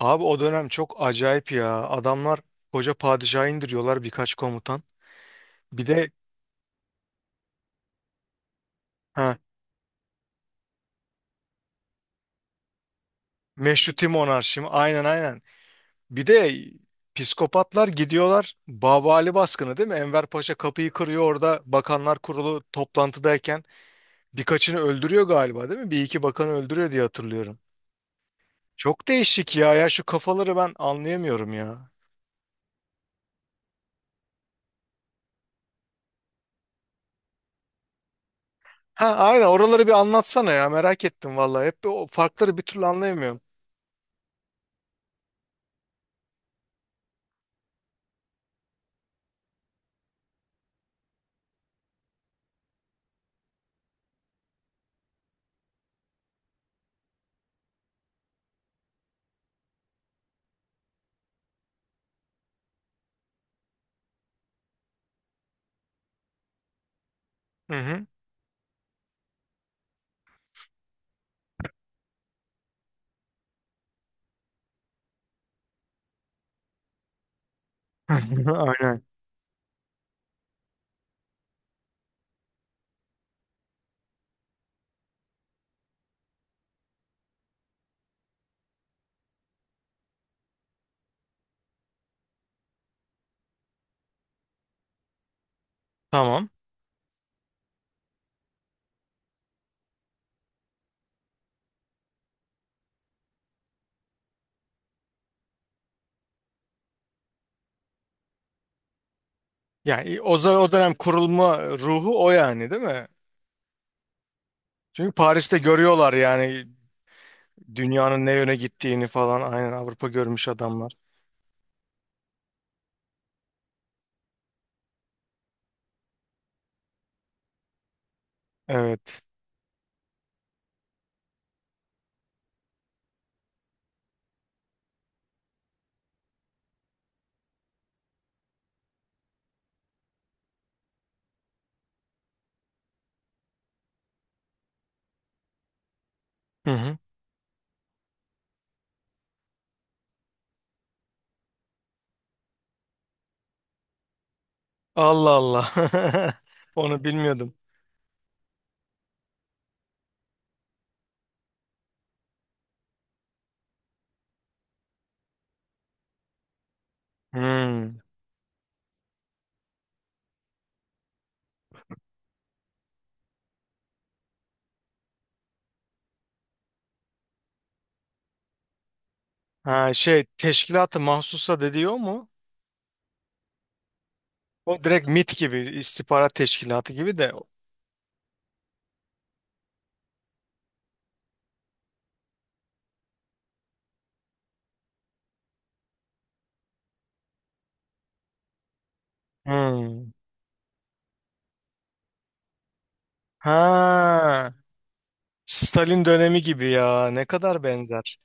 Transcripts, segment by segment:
Abi o dönem çok acayip ya. Adamlar koca padişahı indiriyorlar birkaç komutan. Bir de ha, meşruti monarşi mi? Aynen aynen. Bir de psikopatlar gidiyorlar. Baba Ali baskını değil mi? Enver Paşa kapıyı kırıyor orada. Bakanlar Kurulu toplantıdayken birkaçını öldürüyor galiba değil mi? Bir iki bakanı öldürüyor diye hatırlıyorum. Çok değişik ya. Ya şu kafaları ben anlayamıyorum ya. Ha, aynen, oraları bir anlatsana ya. Merak ettim vallahi. Hep o farkları bir türlü anlayamıyorum. Hı hı. Aynen. Tamam. Yani o dönem kurulma ruhu o yani değil mi? Çünkü Paris'te görüyorlar yani dünyanın ne yöne gittiğini falan. Aynen Avrupa görmüş adamlar. Evet. Hı hı. Allah Allah. Onu bilmiyordum. Hmm. Ha, şey teşkilatı mahsusa dediği o mu? O direkt MIT gibi istihbarat teşkilatı gibi de. Hmm. Ha. Stalin dönemi gibi ya. Ne kadar benzer.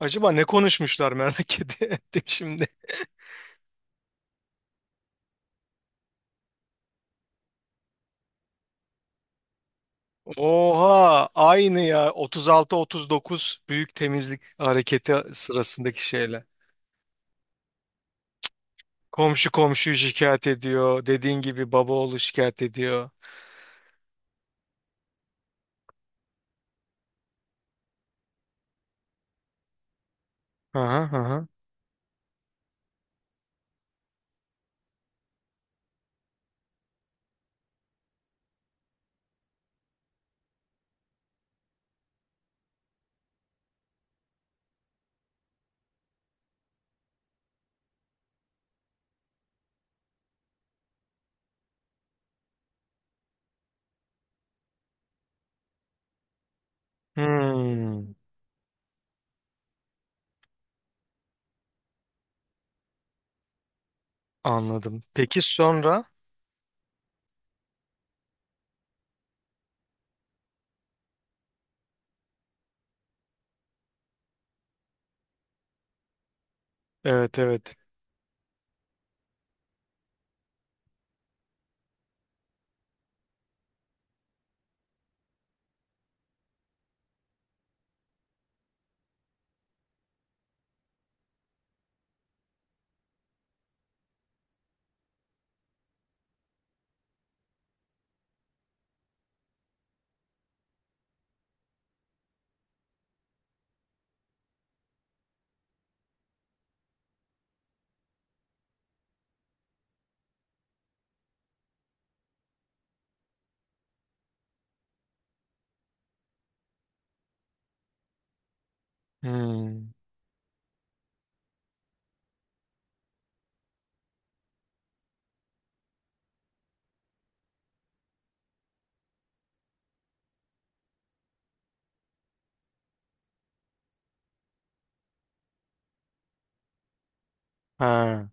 Acaba ne konuşmuşlar merak ettim şimdi. Oha aynı ya, 36-39 büyük temizlik hareketi sırasındaki şeyler. Komşu komşuyu şikayet ediyor. Dediğin gibi baba oğlu şikayet ediyor. Aha, aha. Hmm, anladım. Peki sonra? Evet evet. Hmm. Ha,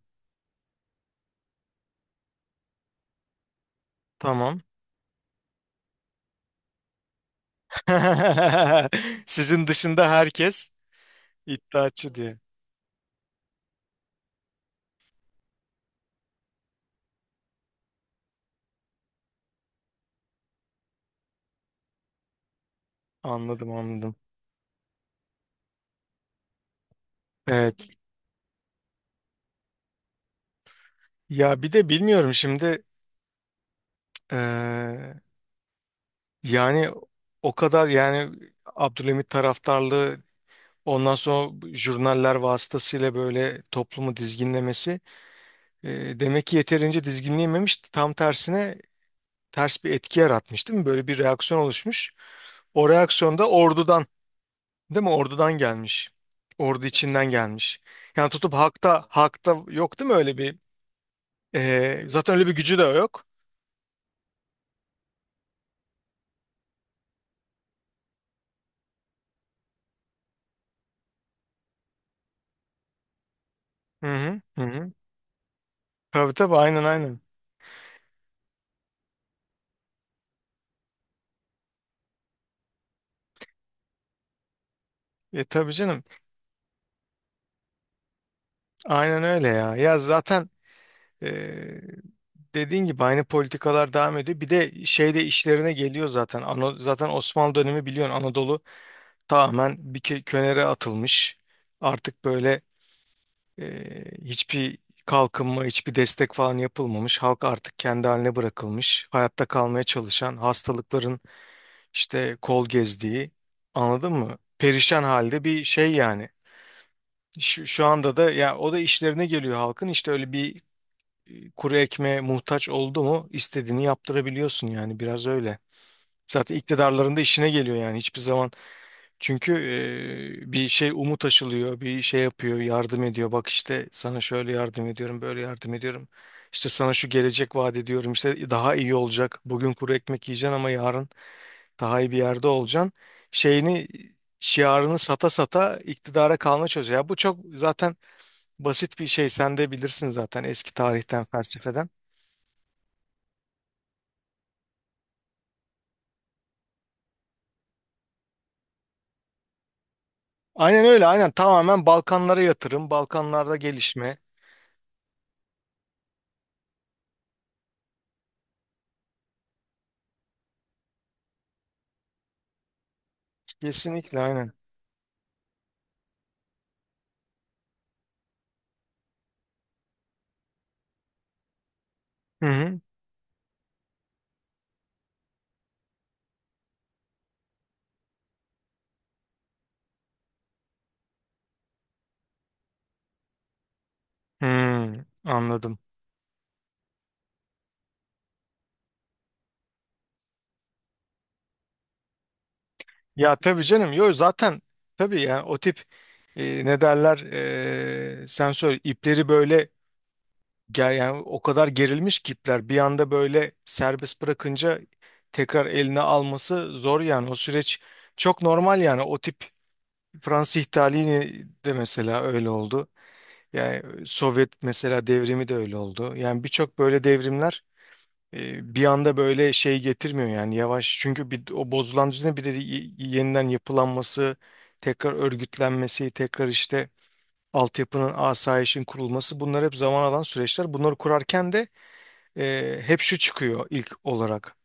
tamam. Sizin dışında herkes iddiaçı diye. Anladım anladım. Evet. Ya bir de bilmiyorum şimdi, eee, yani o kadar yani Abdülhamit taraftarlığı ondan sonra jurnaller vasıtasıyla böyle toplumu dizginlemesi, e, demek ki yeterince dizginleyememiş, tam tersine ters bir etki yaratmış değil mi? Böyle bir reaksiyon oluşmuş. O reaksiyon da ordudan değil mi? Ordudan gelmiş. Ordu içinden gelmiş. Yani tutup hakta hakta yok değil mi, öyle bir zaten öyle bir gücü de yok. Hı hı. Hı hı. Tabii tabii aynen aynen. E tabii canım. Aynen öyle ya. Ya zaten, Ee, dediğin gibi aynı politikalar devam ediyor. Bir de şey de işlerine geliyor zaten. Zaten Osmanlı dönemi biliyorsun Anadolu tamamen bir könere atılmış. Artık böyle e, hiçbir kalkınma, hiçbir destek falan yapılmamış. Halk artık kendi haline bırakılmış. Hayatta kalmaya çalışan, hastalıkların işte kol gezdiği, anladın mı? Perişan halde bir şey yani. Şu anda da ya o da işlerine geliyor halkın. İşte öyle bir kuru ekmeğe muhtaç oldu mu istediğini yaptırabiliyorsun yani biraz öyle. Zaten iktidarlarında işine geliyor yani hiçbir zaman. Çünkü bir şey umut aşılıyor, bir şey yapıyor, yardım ediyor. Bak işte sana şöyle yardım ediyorum, böyle yardım ediyorum. İşte sana şu gelecek vaat ediyorum. İşte daha iyi olacak. Bugün kuru ekmek yiyeceksin ama yarın daha iyi bir yerde olacaksın. Şeyini şiarını sata sata iktidara kalma çalışıyor. Ya bu çok zaten basit bir şey. Sen de bilirsin zaten eski tarihten, felsefeden. Aynen öyle aynen, tamamen Balkanlara yatırım, Balkanlarda gelişme. Kesinlikle aynen. Hı hı. Hmm, anladım. Ya tabii canım yok zaten, tabii yani o tip ne derler, sen söyle ipleri böyle gel, yani o kadar gerilmiş ki ipler, bir anda böyle serbest bırakınca tekrar eline alması zor yani o süreç çok normal, yani o tip Fransız ihtalini de mesela öyle oldu. Yani Sovyet mesela devrimi de öyle oldu. Yani birçok böyle devrimler bir anda böyle şey getirmiyor yani, yavaş. Çünkü bir, o bozulan düzenin bir de yeniden yapılanması, tekrar örgütlenmesi, tekrar işte altyapının, asayişin kurulması, bunlar hep zaman alan süreçler. Bunları kurarken de hep şu çıkıyor ilk olarak.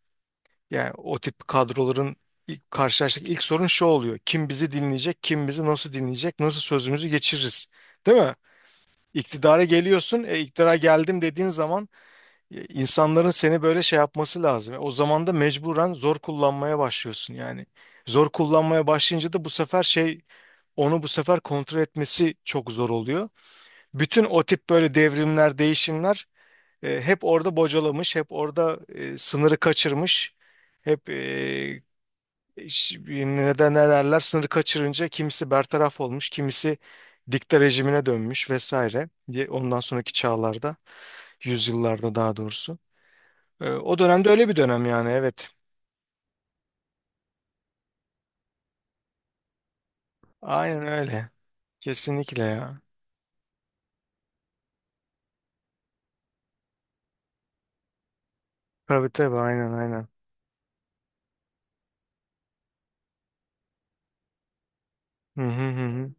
Yani o tip kadroların ilk, karşılaştık ilk sorun şu oluyor. Kim bizi dinleyecek, kim bizi nasıl dinleyecek, nasıl sözümüzü geçiririz. Değil mi? İktidara geliyorsun, iktidara geldim dediğin zaman insanların seni böyle şey yapması lazım. E, o zaman da mecburen zor kullanmaya başlıyorsun yani. Zor kullanmaya başlayınca da bu sefer şey, onu bu sefer kontrol etmesi çok zor oluyor. Bütün o tip böyle devrimler, değişimler hep orada bocalamış, hep orada sınırı kaçırmış. Hep neden ne derler, sınırı kaçırınca kimisi bertaraf olmuş, kimisi dikta rejimine dönmüş vesaire. Ondan sonraki çağlarda, yüzyıllarda daha doğrusu. O dönemde öyle bir dönem yani, evet. Aynen öyle. Kesinlikle ya. Tabii tabii aynen aynen. Hı hı hı, hı.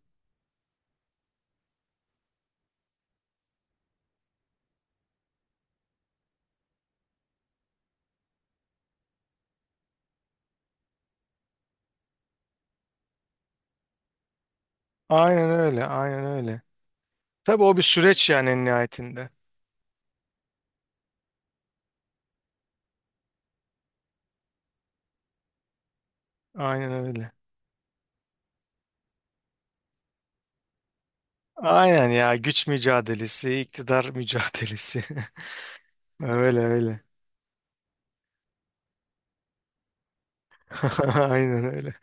Aynen öyle aynen öyle. Tabii o bir süreç yani en nihayetinde. Aynen öyle. Aynen ya, güç mücadelesi, iktidar mücadelesi. Öyle öyle. Aynen öyle.